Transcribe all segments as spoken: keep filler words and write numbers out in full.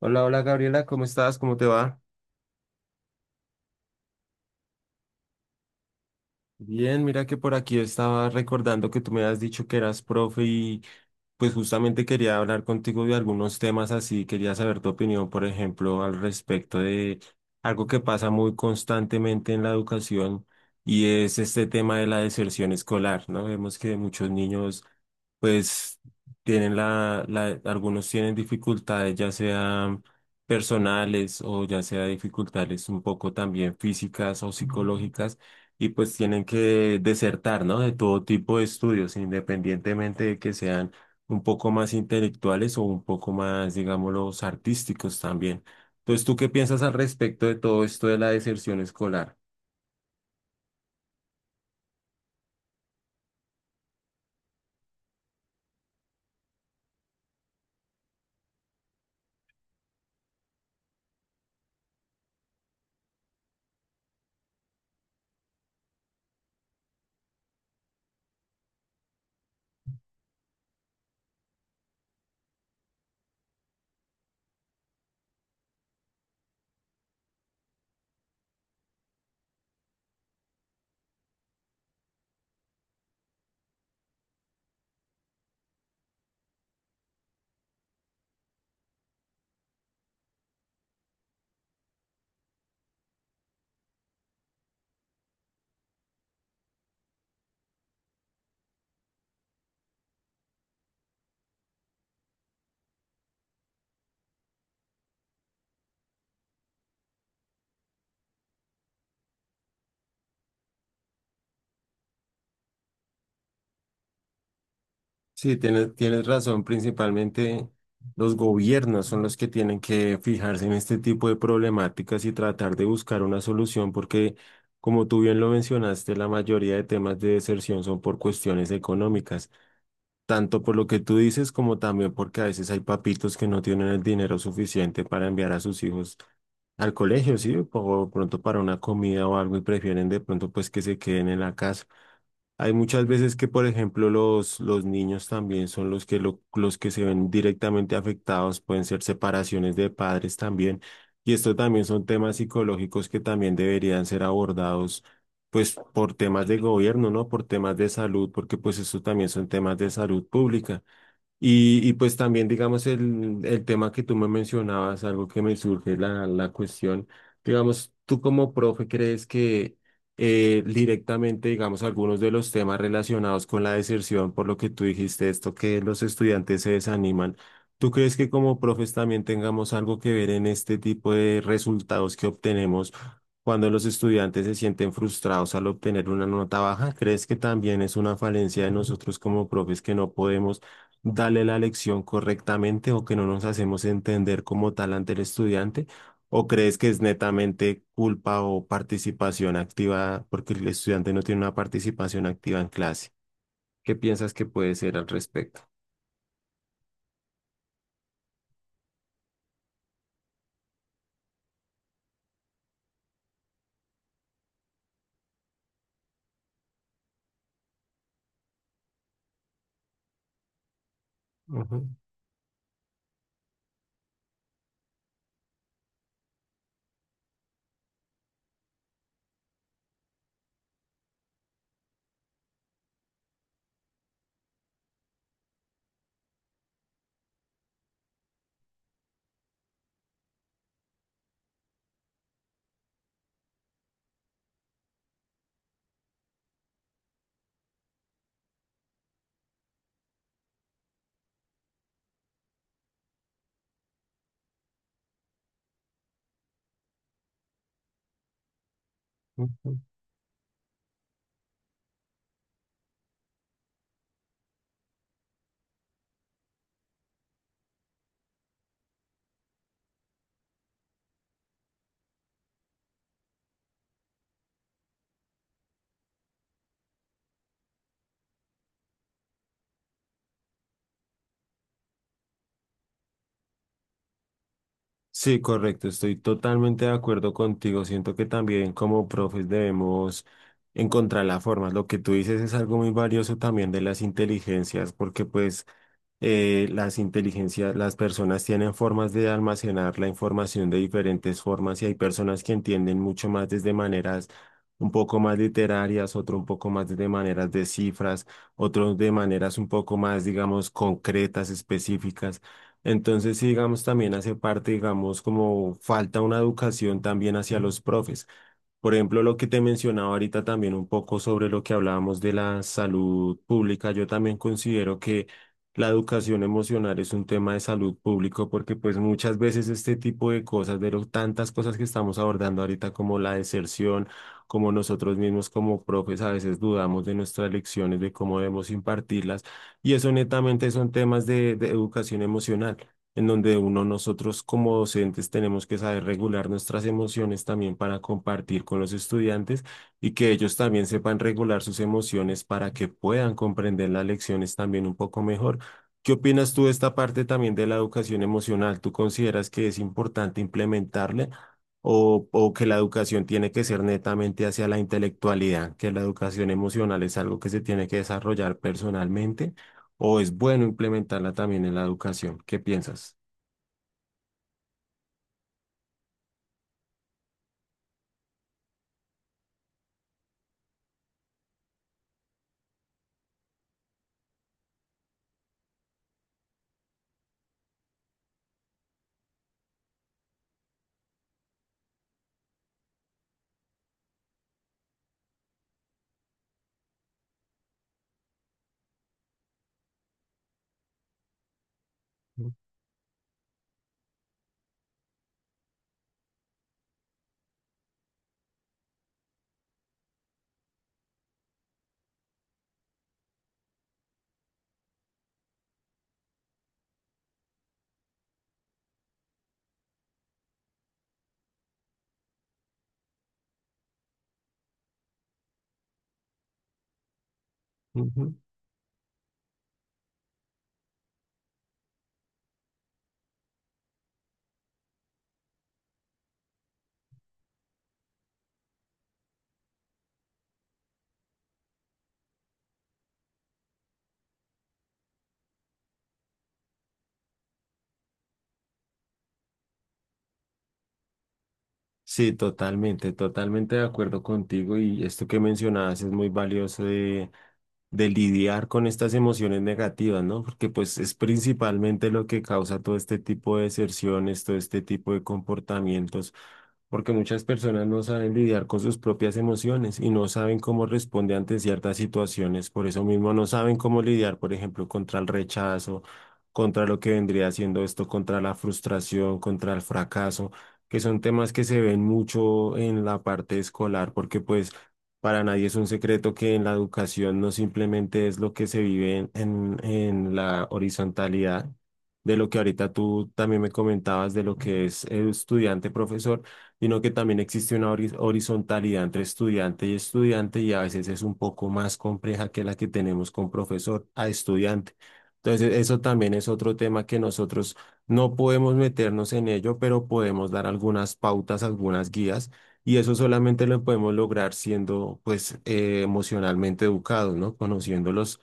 Hola, hola Gabriela, cómo estás, cómo te va. Bien, mira que por aquí estaba recordando que tú me has dicho que eras profe y pues justamente quería hablar contigo de algunos temas así, quería saber tu opinión, por ejemplo, al respecto de algo que pasa muy constantemente en la educación y es este tema de la deserción escolar, ¿no? Vemos que muchos niños pues tienen la, la, algunos tienen dificultades, ya sean personales o ya sea dificultades un poco también físicas o psicológicas y pues tienen que desertar, ¿no? De todo tipo de estudios, independientemente de que sean un poco más intelectuales o un poco más, digámoslo, artísticos también. Entonces, ¿tú qué piensas al respecto de todo esto de la deserción escolar? Sí, tienes, tienes razón, principalmente los gobiernos son los que tienen que fijarse en este tipo de problemáticas y tratar de buscar una solución porque... Como tú bien lo mencionaste, la mayoría de temas de deserción son por cuestiones económicas. Tanto por lo que tú dices como también porque a veces hay papitos que no tienen el dinero suficiente para enviar a sus hijos al colegio, ¿sí? O pronto para una comida o algo y prefieren de pronto pues que se queden en la casa. Hay muchas veces que, por ejemplo, los, los niños también son los que, lo- los que se ven directamente afectados, pueden ser separaciones de padres también, y esto también son temas psicológicos que también deberían ser abordados, pues, por temas de gobierno, ¿no? Por temas de salud, porque pues esto también son temas de salud pública. Y, y pues también, digamos, el, el tema que tú me mencionabas, algo que me surge la, la cuestión, digamos, tú como profe, ¿crees que eh, directamente, digamos, algunos de los temas relacionados con la deserción, por lo que tú dijiste esto, que los estudiantes se desaniman, ¿tú crees que como profes también tengamos algo que ver en este tipo de resultados que obtenemos cuando los estudiantes se sienten frustrados al obtener una nota baja? ¿Crees que también es una falencia de nosotros como profes que no podemos darle la lección correctamente o que no nos hacemos entender como tal ante el estudiante? ¿O crees que es netamente culpa o participación activa porque el estudiante no tiene una participación activa en clase? ¿Qué piensas que puede ser al respecto? Ujú, ujú. Sí, correcto, estoy totalmente de acuerdo contigo. Siento que también como profes debemos encontrar la forma. Lo que tú dices es algo muy valioso también de las inteligencias, porque pues eh, las inteligencias, las personas tienen formas de almacenar la información de diferentes formas y hay personas que entienden mucho más desde maneras un poco más literarias, otro un poco más de maneras de cifras, otros de maneras un poco más, digamos, concretas, específicas. Entonces, sí, digamos, también hace parte, digamos, como falta una educación también hacia los profes. Por ejemplo, lo que te mencionaba ahorita también un poco sobre lo que hablábamos de la salud pública, yo también considero que la educación emocional es un tema de salud pública porque pues muchas veces este tipo de cosas, de lo- tantas cosas que estamos abordando ahorita como la deserción, como nosotros mismos como profes a veces dudamos de nuestras lecciones, de cómo debemos impartirlas y eso netamente son temas de de educación emocional en donde uno, nosotros como docentes tenemos que saber regular nuestras emociones también para compartir con los estudiantes y que ellos también sepan regular sus emociones para que puedan comprender las lecciones también un poco mejor. ¿Qué opinas tú de esta parte también de la educación emocional? ¿Tú consideras que es importante implementarle o, o que la educación tiene que ser netamente hacia la intelectualidad, que la educación emocional es algo que se tiene que desarrollar personalmente? ¿O es bueno implementarla también en la educación? ¿Qué piensas? Ujú. Sí, totalmente, totalmente de acuerdo contigo y esto que mencionabas es muy valioso de, de lidiar con estas emociones negativas, ¿no? Porque pues es principalmente lo que causa todo este tipo de deserciones, todo este tipo de comportamientos. Porque muchas personas no saben lidiar con sus propias emociones y no saben cómo responde ante ciertas situaciones. Por eso mismo no saben cómo lidiar, por ejemplo, contra el rechazo, contra lo que vendría siendo esto, contra la frustración, contra el fracaso, que son temas que se ven mucho en la parte escolar, porque pues para nadie es un secreto que en la educación no simplemente es lo que se vive en, en en la horizontalidad de lo que ahorita tú también me comentabas de lo que es estudiante-profesor, sino que también existe una horiz- horizontalidad entre estudiante y estudiante y a veces es un poco más compleja que la que tenemos con profesor a estudiante. Entonces, eso también es otro tema que nosotros no podemos meternos en ello, pero podemos dar algunas pautas, algunas guías, y eso solamente lo podemos lograr siendo, pues, eh, emocionalmente educados, ¿no? Conociendo los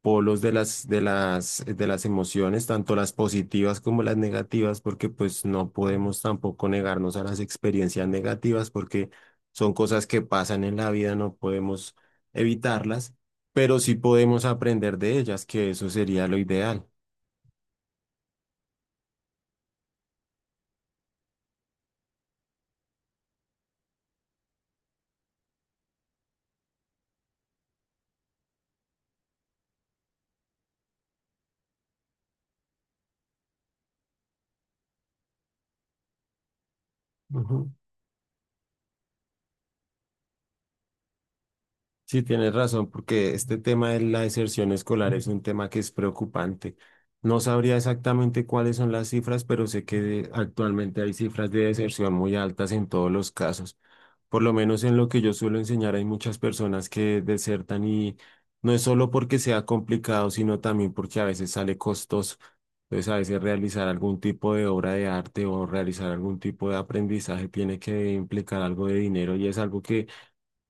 polos de las, de las, de las emociones, tanto las positivas como las negativas, porque pues no podemos tampoco negarnos a las experiencias negativas, porque son cosas que pasan en la vida, no podemos evitarlas, pero sí podemos aprender de ellas, que eso sería lo ideal. Ujú. Sí, tienes razón, porque este tema de la deserción escolar es un tema que es preocupante. No sabría exactamente cuáles son las cifras, pero sé que actualmente hay cifras de deserción muy altas en todos los casos. Por lo menos en lo que yo suelo enseñar hay muchas personas que desertan y no es solo porque sea complicado, sino también porque a veces sale costoso. Entonces, a veces realizar algún tipo de obra de arte o realizar algún tipo de aprendizaje tiene que implicar algo de dinero y es algo que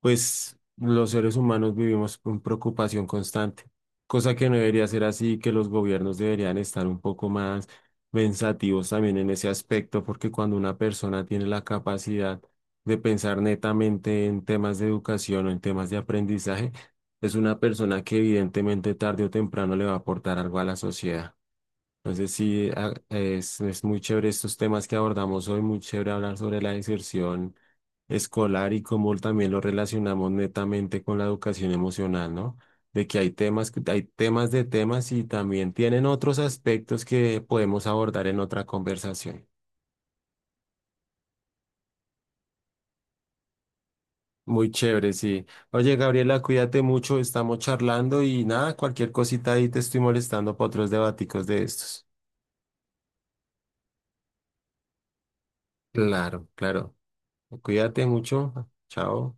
pues los seres humanos vivimos con preocupación constante, cosa que no debería ser así, que los gobiernos deberían estar un poco más pensativos también en ese aspecto, porque cuando una persona tiene la capacidad de pensar netamente en temas de educación o en temas de aprendizaje, es una persona que evidentemente tarde o temprano le va a aportar algo a la sociedad. Entonces sí, a- es, es muy chévere estos temas que abordamos hoy, muy chévere hablar sobre la deserción escolar y cómo también lo relacionamos netamente con la educación emocional, ¿no? De que hay temas, que- hay temas de temas y también tienen otros aspectos que podemos abordar en otra conversación. Muy chévere, sí. Oye, Gabriela, cuídate mucho, estamos charlando y nada, cualquier cosita ahí te estoy molestando para otros debaticos de estos. Claro, claro. Cuídate mucho. Chao.